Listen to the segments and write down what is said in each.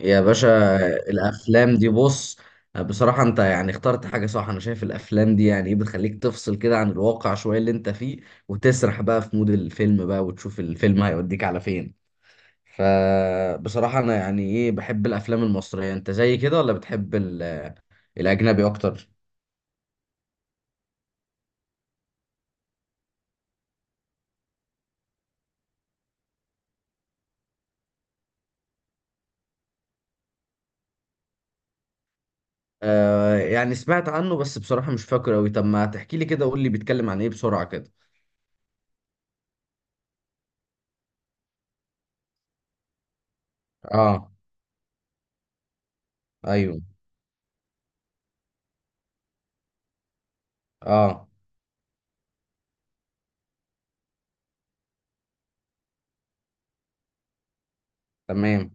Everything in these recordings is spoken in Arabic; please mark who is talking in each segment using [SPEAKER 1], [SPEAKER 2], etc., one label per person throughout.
[SPEAKER 1] يا باشا، الافلام دي، بص، بصراحة انت يعني اخترت حاجة صح. انا شايف الافلام دي يعني ايه بتخليك تفصل كده عن الواقع شوية اللي انت فيه، وتسرح بقى في مود الفيلم بقى وتشوف الفيلم هيوديك على فين. فبصراحة انا يعني ايه بحب الافلام المصرية. انت زي كده ولا بتحب الاجنبي اكتر؟ آه، يعني سمعت عنه بس بصراحة مش فاكر اوي. طب ما تحكي لي كده، قول لي بيتكلم عن ايه بسرعة كده. اه. ايوه. اه، تمام.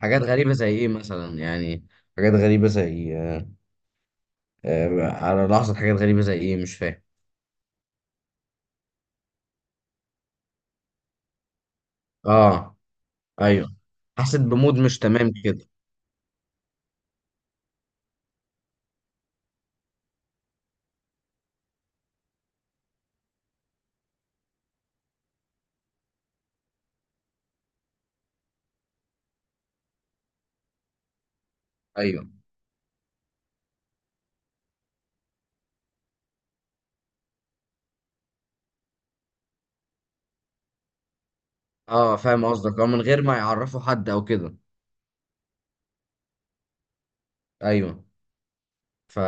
[SPEAKER 1] حاجات غريبة زي ايه مثلا يعني؟ حاجات غريبة زي على لحظة، حاجات غريبة زي ايه مش فاهم؟ اه، ايوه. حسيت بمود مش تمام كده. ايوه، اه فاهم قصدك. اه، من غير ما يعرفوا حد او كده. ايوه. ف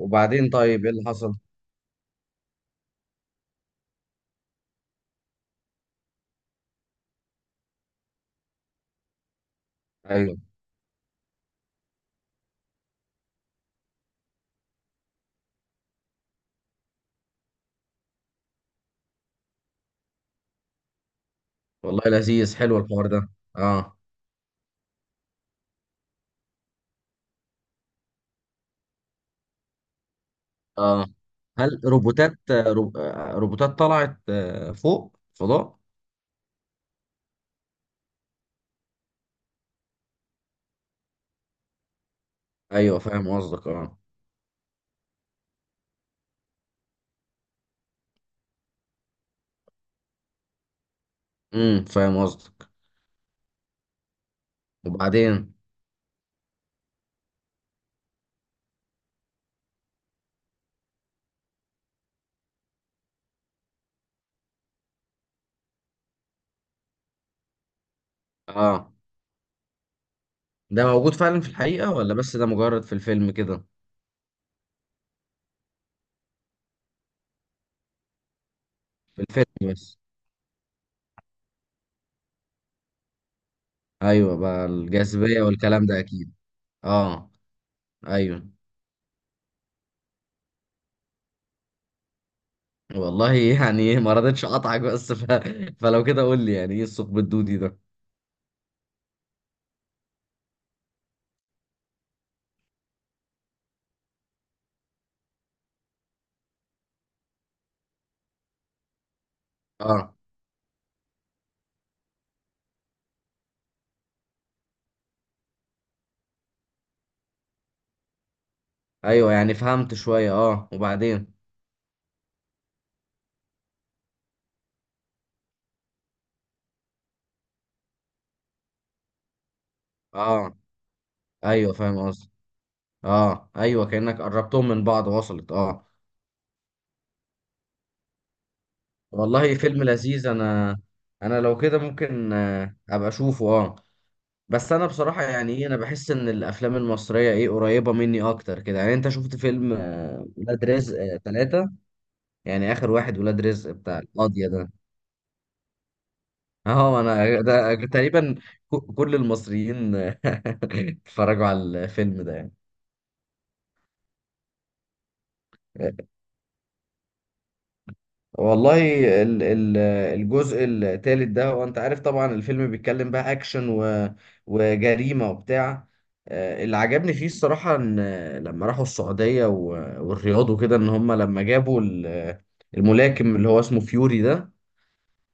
[SPEAKER 1] وبعدين طيب، ايه اللي حصل؟ ايوه. والله لذيذ، حلو الحوار ده. اه. اه، هل روبوتات آه، رو... آه، روبوتات طلعت فوق فضاء؟ ايوه فاهم قصدك، اه. امم، فاهم قصدك. وبعدين؟ اه، ده موجود فعلا في الحقيقة ولا بس ده مجرد في الفيلم كده؟ في الفيلم بس. ايوه بقى، الجاذبية والكلام ده اكيد. اه، ايوه. والله يعني ما رضيتش اقطعك بس فلو كده قول لي، يعني ايه الثقب الدودي ده؟ اه، ايوه، يعني فهمت شوية، اه. وبعدين؟ اه، ايوه فاهم قصدي. اه، ايوه، كأنك قربتهم من بعض وصلت، اه. والله فيلم لذيذ. انا لو كده ممكن ابقى اشوفه، اه. بس انا بصراحه يعني ايه انا بحس ان الافلام المصريه ايه قريبه مني اكتر كده يعني. انت شفت فيلم ولاد رزق 3؟ يعني اخر واحد ولاد رزق بتاع القاضيه ده. اه، انا ده تقريبا كل المصريين اتفرجوا على الفيلم ده يعني. والله، ال- ال- الجزء الثالث ده، وانت عارف طبعا الفيلم بيتكلم بقى اكشن وجريمة وبتاع. اللي عجبني فيه الصراحة، ان لما راحوا السعودية والرياض وكده، ان هم لما جابوا الملاكم اللي هو اسمه فيوري ده.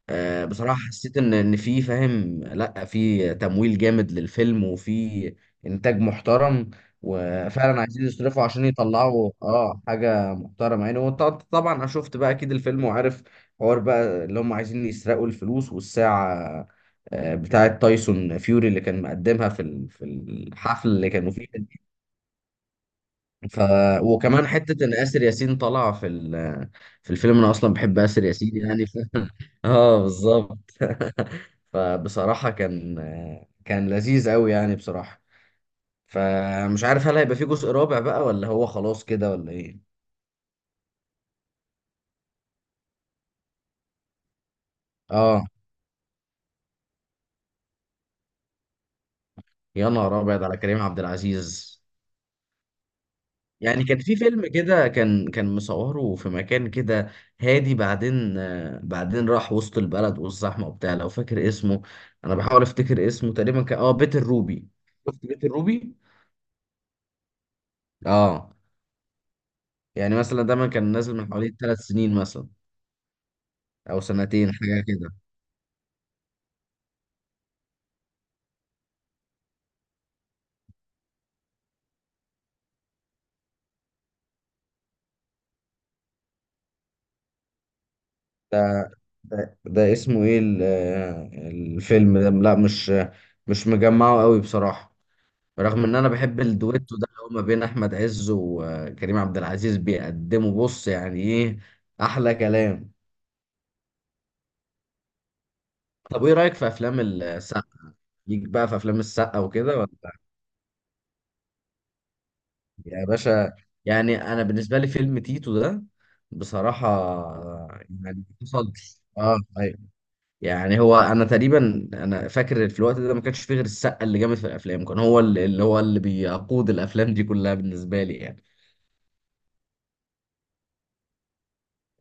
[SPEAKER 1] بصراحة حسيت ان في، فاهم، لا في تمويل جامد للفيلم وفي انتاج محترم. وفعلا عايزين يصرفوا عشان يطلعوا اه حاجة محترمة يعني. وانت طبعا انا شفت بقى اكيد الفيلم، وعارف حوار بقى اللي هم عايزين يسرقوا الفلوس والساعة بتاعة تايسون فيوري اللي كان مقدمها في الحفل اللي كانوا فيه. ف وكمان حته ان اسر ياسين طالعه في الفيلم. انا اصلا بحب اسر ياسين يعني اه، بالظبط. فبصراحه كان لذيذ قوي يعني بصراحه. فمش عارف هل هيبقى فيه جزء رابع بقى، ولا هو خلاص كده، ولا ايه؟ اه، يا نهار ابيض على كريم عبد العزيز. يعني كان في فيلم كده، كان مصوره في مكان كده. هادي، بعدين بعدين راح وسط البلد والزحمه وبتاع، لو فاكر اسمه. انا بحاول افتكر اسمه، تقريبا كان اه بيت الروبي. شفت بيت الروبي؟ اه، يعني مثلا ده ما كان نازل من حوالي 3 سنين مثلا، او سنتين حاجه كده. ده ده اسمه ايه الفيلم ده؟ لا، مش مجمعه قوي بصراحه. رغم ان انا بحب الدويتو ده اللي هو ما بين احمد عز وكريم عبد العزيز، بيقدموا بص يعني ايه؟ احلى كلام. طب ايه رايك في افلام السقا؟ ليك بقى في افلام السقا وكده ولا؟ يا باشا، يعني انا بالنسبه لي فيلم تيتو ده بصراحه يعني مفضل. اه، ايوه. يعني هو انا تقريبا انا فاكر في الوقت ده ما كانش فيه غير السقا اللي جامد في الافلام، كان هو اللي بيقود الافلام دي كلها بالنسبه لي يعني.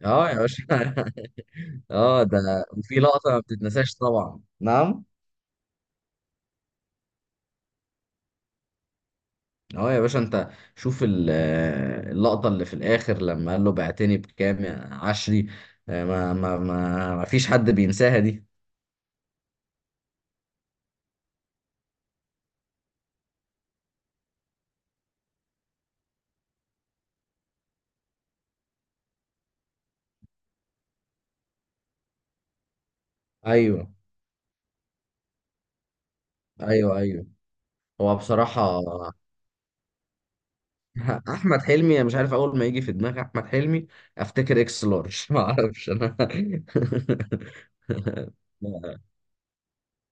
[SPEAKER 1] اه، يا باشا. اه، ده وفي لقطة ما بتتنساش طبعا، نعم. اه، يا باشا. انت شوف اللقطة اللي في الآخر لما قال له بعتني بكام يا عشري. ما فيش حد بينساها دي. ايوه، ايوه، ايوه. هو بصراحة. احمد حلمي، مش عارف، اول ما يجي في دماغي احمد حلمي افتكر اكس لارج. ما اعرفش انا.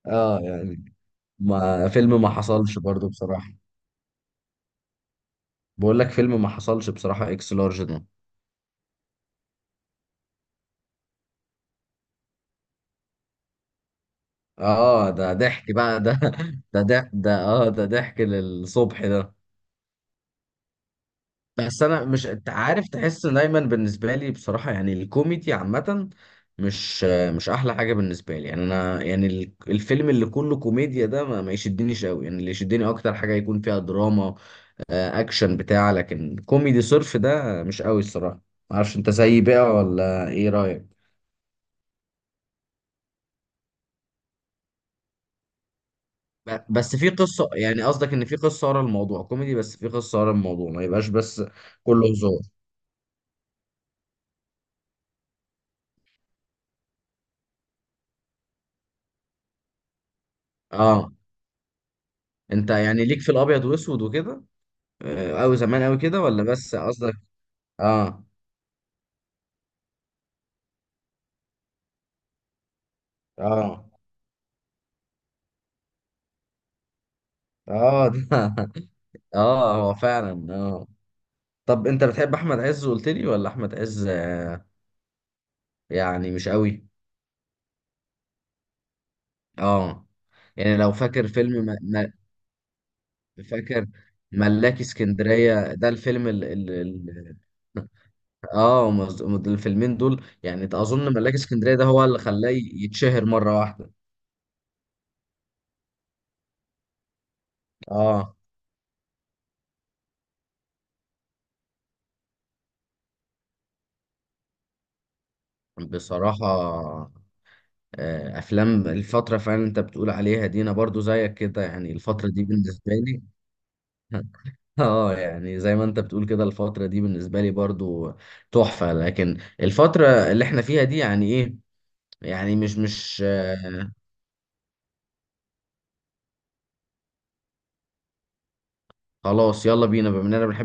[SPEAKER 1] اه، يعني ما فيلم ما حصلش برضو بصراحة. بقول لك، فيلم ما حصلش بصراحة اكس لارج ده. اه، ده ضحك بقى ده. ده ضحك ده. اه، ده ضحك للصبح ده. بس انا مش، انت عارف، تحس دايما بالنسبه لي بصراحه يعني الكوميدي عامه مش مش احلى حاجه بالنسبه لي يعني انا يعني الفيلم اللي كله كوميديا ده ما يشدنيش قوي يعني، اللي يشدني اكتر حاجه يكون فيها دراما. آه، اكشن بتاع، لكن كوميدي صرف ده مش قوي الصراحه. معرفش، انت زيي بقى ولا ايه رايك؟ بس في قصة يعني، قصدك ان في قصة ورا الموضوع كوميدي، بس في قصة ورا الموضوع ما يبقاش بس. كله هزار. اه. انت يعني ليك في الابيض واسود وكده، او زمان اوي كده، ولا بس قصدك؟ اه، اه، اه. ده اه هو فعلا، اه. طب انت بتحب احمد عز، قلت لي، ولا احمد عز يعني مش قوي؟ اه، يعني لو فاكر فيلم فاكر ملاكي اسكندرية ده الفيلم ال... اه، الفيلمين دول يعني اظن ملاك اسكندريه ده هو اللي خلاه يتشهر مره واحده. اه، بصراحه. افلام الفتره فعلا انت بتقول عليها دي، انا برضو زيك كده يعني الفتره دي بالنسبه لي. اه، يعني زي ما انت بتقول كده الفتره دي بالنسبه لي برضو تحفه. لكن الفتره اللي احنا فيها دي يعني ايه يعني مش. خلاص يلا بينا، بما اننا بنحب